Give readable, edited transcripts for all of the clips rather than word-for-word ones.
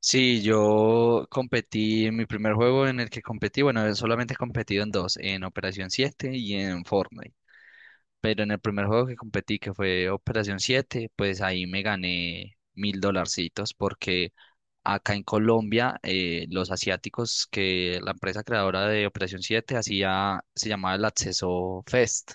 Sí, yo competí en mi primer juego en el que competí, bueno, solamente he competido en dos, en Operación Siete y en Fortnite. Pero en el primer juego que competí, que fue Operación Siete, pues ahí me gané mil dolarcitos porque acá en Colombia los asiáticos que la empresa creadora de Operación Siete hacía, se llamaba el Acceso Fest.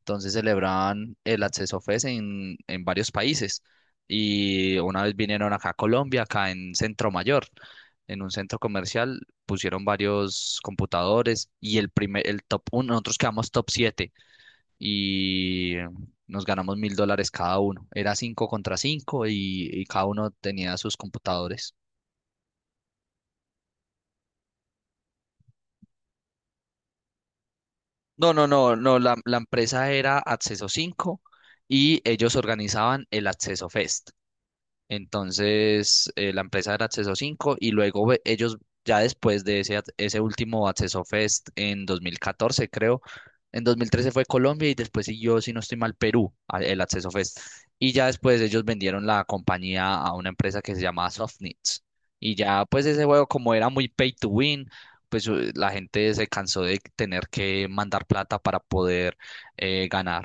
Entonces celebraban el Acceso Fest en varios países. Y una vez vinieron acá a Colombia, acá en Centro Mayor, en un centro comercial, pusieron varios computadores y el top uno, nosotros quedamos top 7 y nos ganamos $1.000 cada uno. Era cinco contra cinco y cada uno tenía sus computadores. No, no, no, no, la empresa era Acceso 5 y ellos organizaban el Acceso Fest. Entonces, la empresa era Acceso 5 y luego ellos ya después de ese, ese último Acceso Fest en 2014, creo, en 2013 fue Colombia y después siguió, si no estoy mal, Perú, el Acceso Fest. Y ya después ellos vendieron la compañía a una empresa que se llamaba Softnits. Y ya pues ese juego como era muy pay to win, pues la gente se cansó de tener que mandar plata para poder ganar.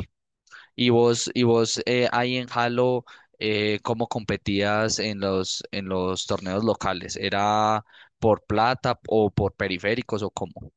Y vos ahí en Halo, ¿cómo competías en los torneos locales? ¿Era por plata o por periféricos o cómo?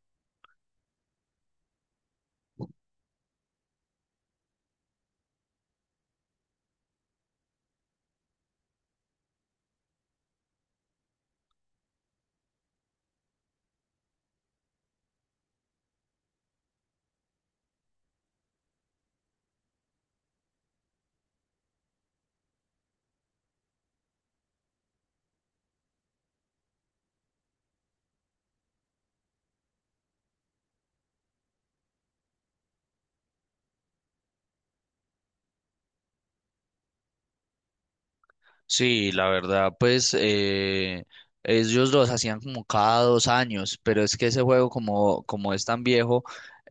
Sí, la verdad, pues ellos los hacían como cada 2 años, pero es que ese juego como es tan viejo.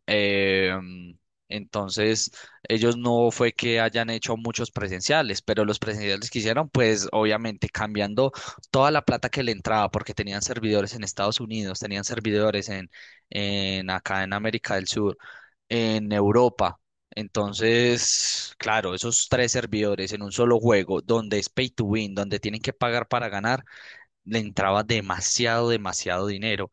Em, entonces, ellos no fue que hayan hecho muchos presenciales, pero los presenciales que hicieron, pues obviamente cambiando toda la plata que le entraba, porque tenían servidores en Estados Unidos, tenían servidores en acá en América del Sur, en Europa. Entonces, claro, esos tres servidores en un solo juego, donde es pay to win, donde tienen que pagar para ganar, le entraba demasiado, demasiado dinero.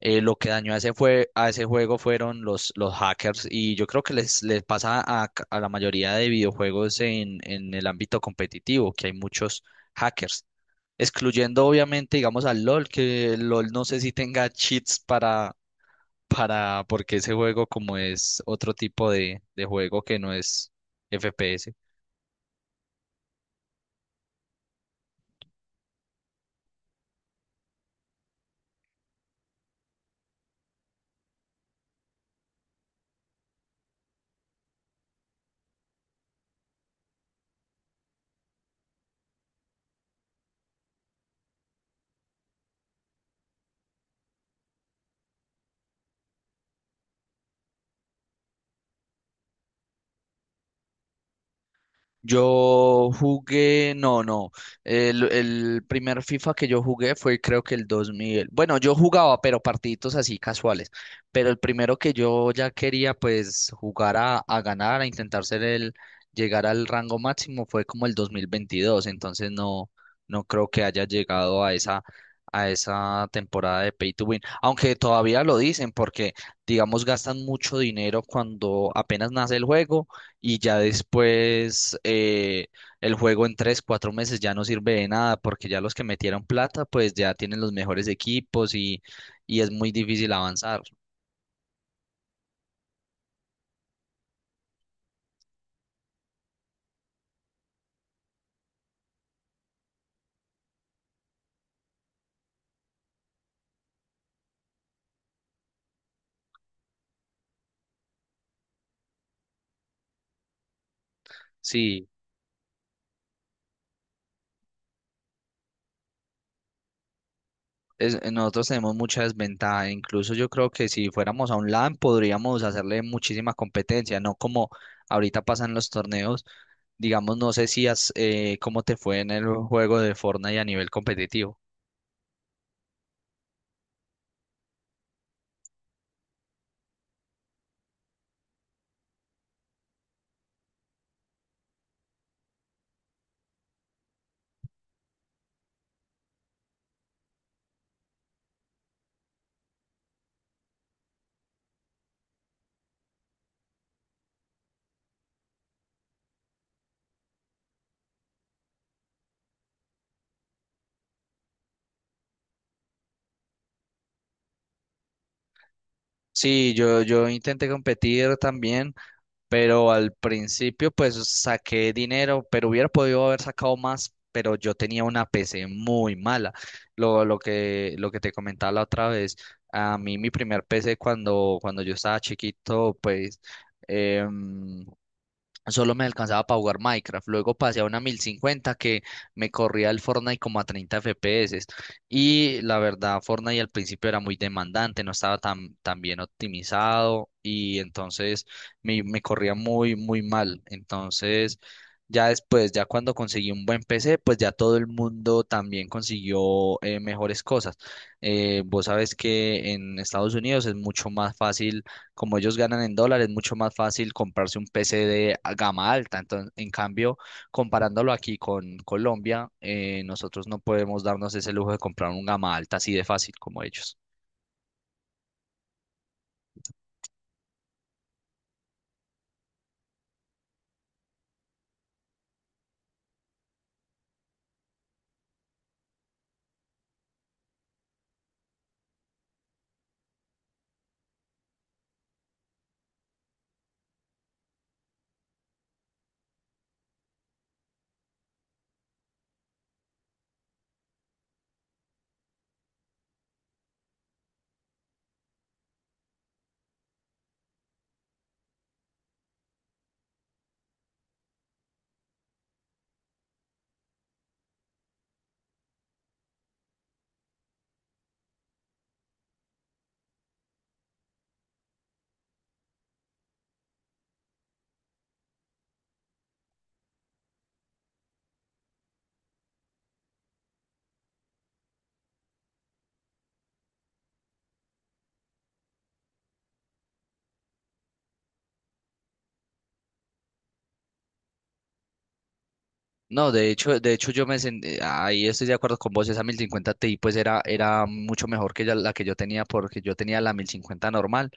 Lo que dañó a a ese juego fueron los hackers y yo creo que les pasa a la mayoría de videojuegos en el ámbito competitivo, que hay muchos hackers, excluyendo obviamente, digamos, al LOL, que el LOL no sé si tenga cheats porque ese juego como es otro tipo de juego que no es FPS. Yo jugué, no, no. El primer FIFA que yo jugué fue creo que el 2000. Bueno, yo jugaba, pero partiditos así casuales. Pero el primero que yo ya quería pues jugar a ganar, a intentar ser llegar al rango máximo fue como el 2022. Entonces no, no creo que haya llegado a a esa temporada de Pay to Win. Aunque todavía lo dicen porque, digamos, gastan mucho dinero cuando apenas nace el juego y ya después el juego en tres, cuatro meses ya no sirve de nada porque ya los que metieron plata pues ya tienen los mejores equipos y es muy difícil avanzar. Sí, nosotros tenemos mucha desventaja, incluso yo creo que si fuéramos a un LAN podríamos hacerle muchísima competencia, no como ahorita pasan los torneos, digamos, no sé si has, cómo te fue en el juego de Fortnite a nivel competitivo. Sí, yo intenté competir también. Pero al principio pues saqué dinero, pero hubiera podido haber sacado más, pero yo tenía una PC muy mala. Lo que te comentaba la otra vez, a mí mi primer PC cuando yo estaba chiquito, pues... em, solo me alcanzaba para jugar Minecraft. Luego pasé a una 1050 que me corría el Fortnite como a 30 FPS. Y la verdad, Fortnite al principio era muy demandante, no estaba tan bien optimizado y entonces me corría muy, muy mal. Entonces, ya después, ya cuando conseguí un buen PC, pues ya todo el mundo también consiguió mejores cosas. Vos sabes que en Estados Unidos es mucho más fácil como ellos ganan en dólares, es mucho más fácil comprarse un PC gama alta. Entonces, en cambio, comparándolo aquí con Colombia, nosotros no podemos darnos ese lujo de comprar un gama alta así de fácil como ellos. No, de hecho yo ahí estoy de acuerdo con vos, esa 1050 Ti pues era mucho mejor que ya la que yo tenía porque yo tenía la 1050 normal,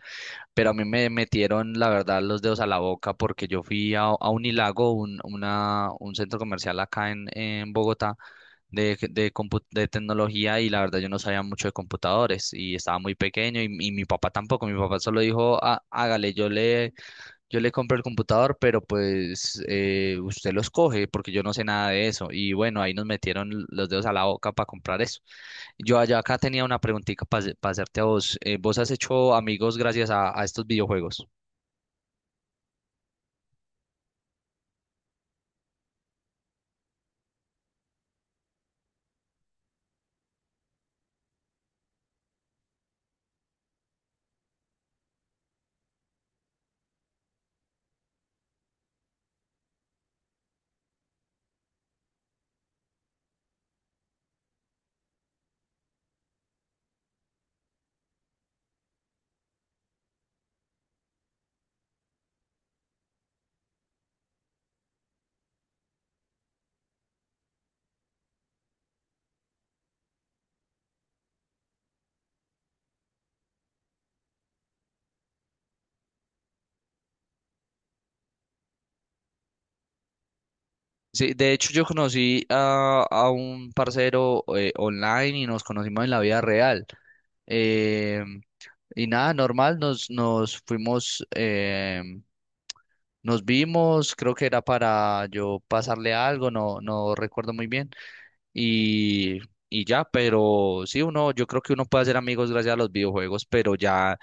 pero a mí me metieron la verdad los dedos a la boca porque yo fui a Unilago, un centro comercial acá en Bogotá de tecnología y la verdad yo no sabía mucho de computadores y estaba muy pequeño y mi papá tampoco. Mi papá solo dijo: "Ah, hágale, yo le compro el computador, pero pues usted lo escoge porque yo no sé nada de eso". Y bueno, ahí nos metieron los dedos a la boca para comprar eso. Yo allá acá tenía una preguntita para hacerte a vos. ¿Vos has hecho amigos gracias a estos videojuegos? Sí, de hecho yo conocí a un parcero online y nos conocimos en la vida real. Eh, Y nada, normal, nos fuimos, nos vimos, creo que era para yo pasarle algo, no, no recuerdo muy bien. Y, y ya, pero sí, uno, yo creo que uno puede hacer amigos gracias a los videojuegos, pero ya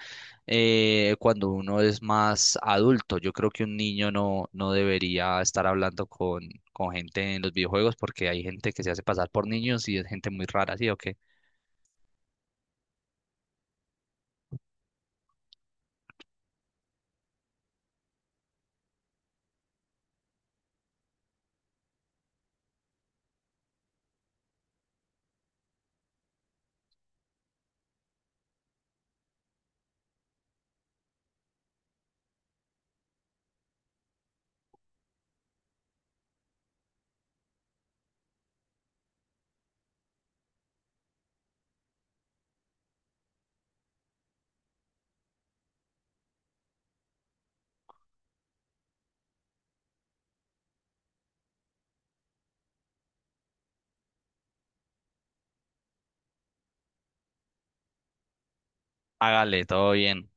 cuando uno es más adulto, yo creo que un niño no, no debería estar hablando con gente en los videojuegos porque hay gente que se hace pasar por niños y es gente muy rara, ¿sí o qué? Hágale, todo bien.